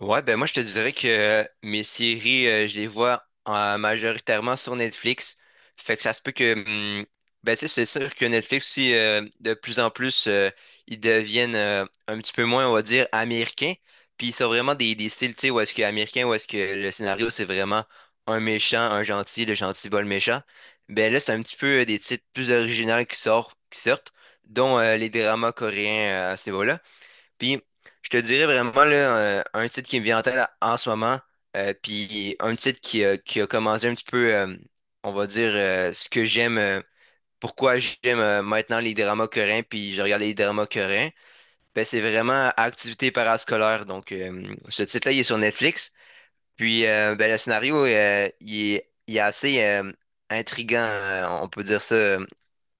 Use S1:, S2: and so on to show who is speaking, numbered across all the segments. S1: Ouais, ben moi je te dirais que mes séries, je les vois majoritairement sur Netflix. Fait que ça se peut que hum, ben tu sais, c'est sûr que Netflix aussi de plus en plus ils deviennent un petit peu moins, on va dire, américains. Puis ils sont vraiment des styles, tu sais, où est-ce que américain, où est-ce que le scénario c'est vraiment un méchant, un gentil, le gentil bat le méchant. Ben là, c'est un petit peu des titres plus originaux qui sortent, dont les dramas coréens à ce niveau-là. Puis, je te dirais vraiment là, un titre qui me vient en tête en ce moment, puis un titre qui a commencé un petit peu, on va dire, ce que j'aime, pourquoi j'aime maintenant les dramas coréens, puis je regarde les dramas coréens, ben, c'est vraiment Activité parascolaire. Donc, ce titre-là, il est sur Netflix. Puis, ben, le scénario, il est assez intriguant, on peut dire ça.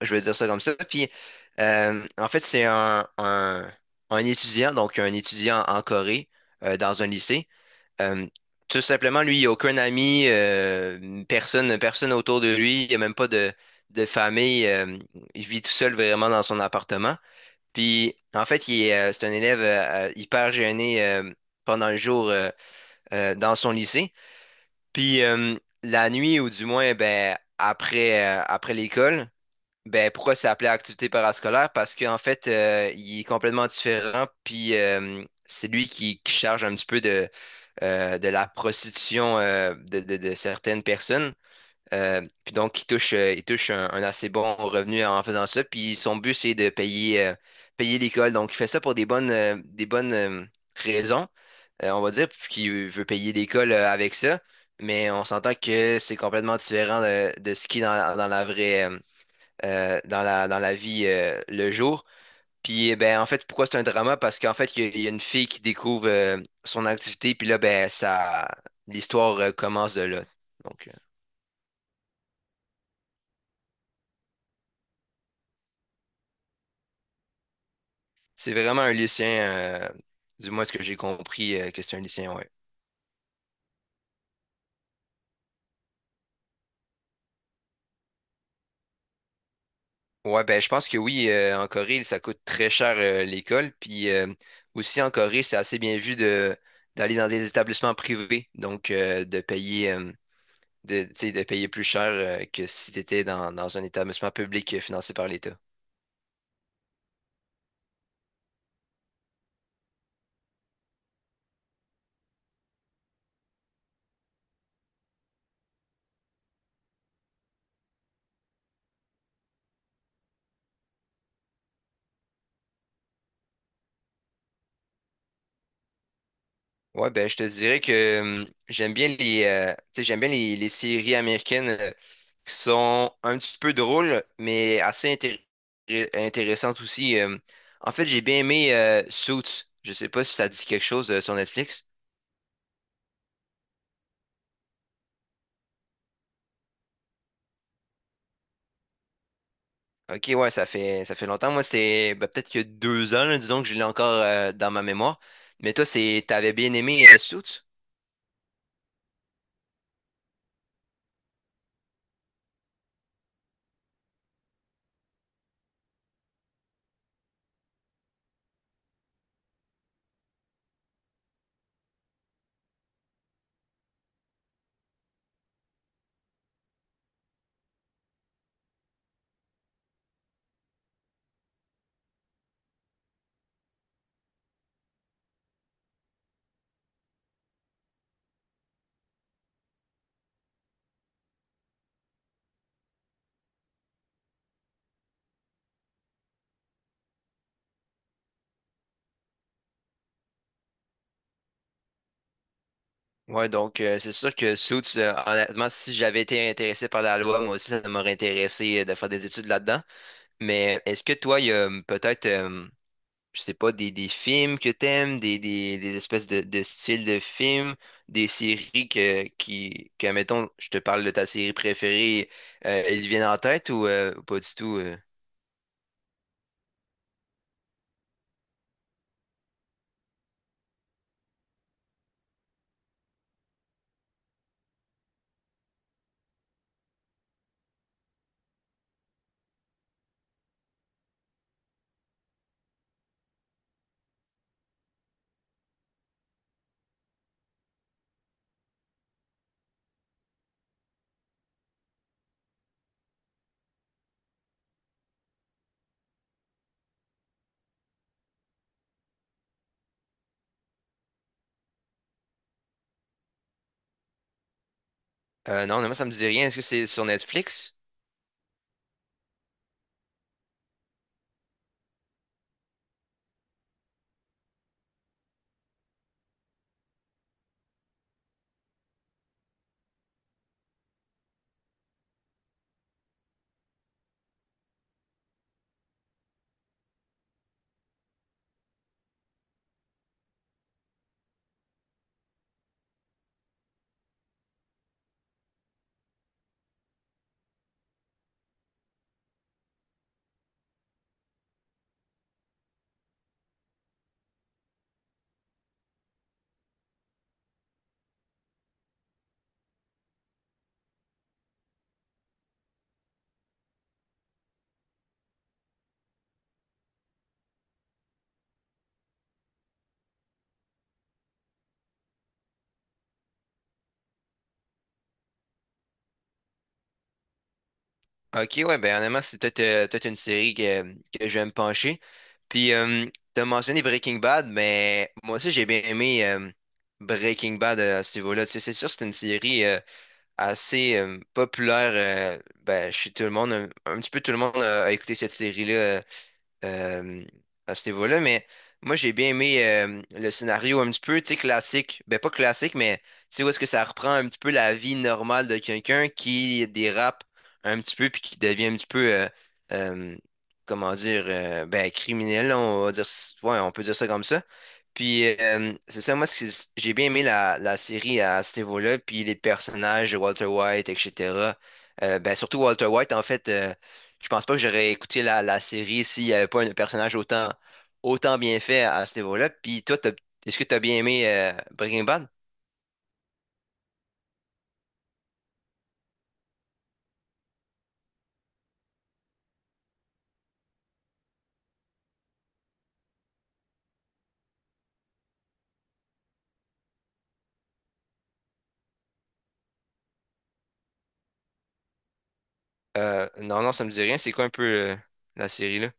S1: Je vais dire ça comme ça. Puis, en fait, un étudiant, donc un étudiant en Corée, dans un lycée. Euh, Tout simplement, lui, il n'a aucun ami, personne autour de lui, il n'y a même pas de famille. Il vit tout seul vraiment dans son appartement. Puis, en fait, c'est un élève hyper gêné pendant le jour dans son lycée. Puis, la nuit, ou du moins, ben, après, après l'école, ben, pourquoi c'est appelé activité parascolaire? Parce qu'en fait, il est complètement différent, puis c'est lui qui charge un petit peu de la prostitution de certaines personnes. Puis donc, il touche un assez bon revenu en faisant ça. Puis son but, c'est de payer, payer l'école. Donc, il fait ça pour des bonnes raisons, on va dire, qu'il veut payer l'école avec ça. Mais on s'entend que c'est complètement différent de ce qui est dans, dans la vraie. Dans dans la vie le jour. Puis, eh ben, en fait, pourquoi c'est un drama? Parce qu'en fait, il y a une fille qui découvre son activité, puis là, ben, ça, l'histoire commence de là. Donc, c'est vraiment un lycéen, du moins ce que j'ai compris, que c'est un lycéen, ouais. Ouais, ben, je pense que oui, en Corée, ça coûte très cher l'école. Puis aussi, en Corée, c'est assez bien vu de d'aller dans des établissements privés, donc de payer. De, tu sais, de payer plus cher que si tu étais dans, dans un établissement public financé par l'État. Ouais, ben je te dirais que j'aime bien les tu sais, j'aime bien les séries américaines qui sont un petit peu drôles, mais intéressantes aussi. En fait, j'ai bien aimé Suits. Je sais pas si ça dit quelque chose sur Netflix. Ok, ouais, ça fait longtemps. Moi, c'était ben, peut-être qu'il y a deux ans, là, disons que je l'ai encore dans ma mémoire. Mais toi, c'est t'avais bien aimé Suits? Ouais, donc c'est sûr que Suits, honnêtement, si j'avais été intéressé par la loi, moi aussi, ça m'aurait intéressé de faire des études là-dedans. Mais est-ce que toi, il y a peut-être, je sais pas, des films que t'aimes, des espèces de styles de films, des séries mettons, je te parle de ta série préférée, elles viennent en tête ou pas du tout? Non, non, moi, ça me dit rien. Est-ce que c'est sur Netflix? Ok, ouais, ben honnêtement, c'est peut-être peut-être une série que je vais me pencher. Puis, t'as mentionné Breaking Bad, mais moi aussi, j'ai bien aimé Breaking Bad à ce niveau-là. Tu sais, c'est sûr, c'est une série assez populaire ben, chez tout le monde. Un petit peu tout le monde a écouté cette série-là euh, à ce niveau-là. Mais moi, j'ai bien aimé le scénario un petit peu, tu sais, classique. Ben, pas classique, mais tu sais, où est-ce que ça reprend un petit peu la vie normale de quelqu'un qui dérape un petit peu puis qui devient un petit peu, euh, comment dire, ben, criminel, là, on va dire, ouais, on peut dire ça comme ça. Puis, c'est ça, moi, ce que j'ai bien aimé la série à ce niveau-là, puis les personnages de Walter White, etc. Ben, surtout Walter White, en fait, je pense pas que j'aurais écouté la série s'il n'y avait pas un personnage autant bien fait à ce niveau-là. Puis, toi, est-ce que tu as bien aimé Breaking Bad? Non, non, ça me dit rien. C'est quoi un peu euh, la série, là?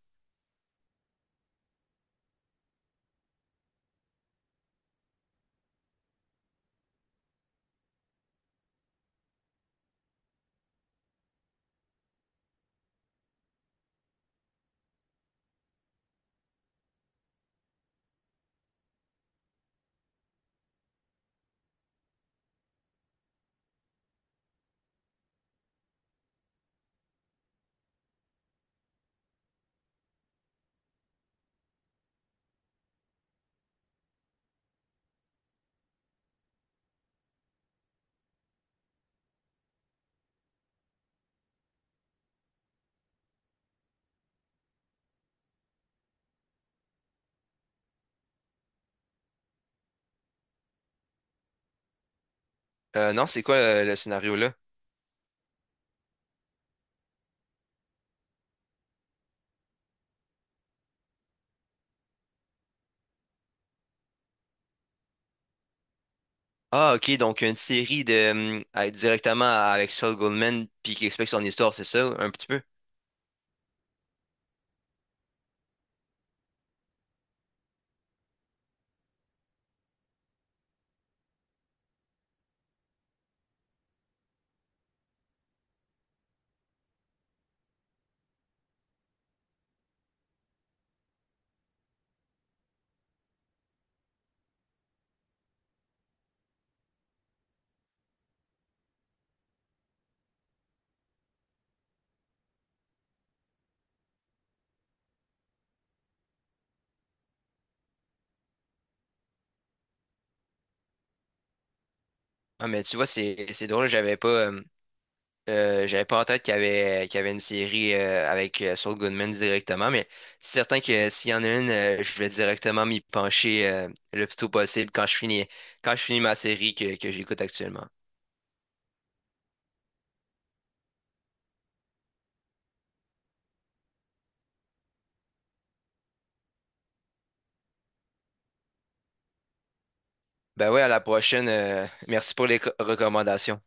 S1: Non, c'est quoi le scénario, là? Ah, ok, donc une série de, directement avec Saul Goldman, puis qui explique son histoire, c'est ça, un petit peu? Ah, mais tu vois, c'est drôle, j'avais pas en tête qu'il y avait une série avec Saul Goodman directement, mais c'est certain que s'il y en a une, je vais directement m'y pencher le plus tôt possible quand je finis ma série que j'écoute actuellement. Ben ouais, à la prochaine. Merci pour les recommandations.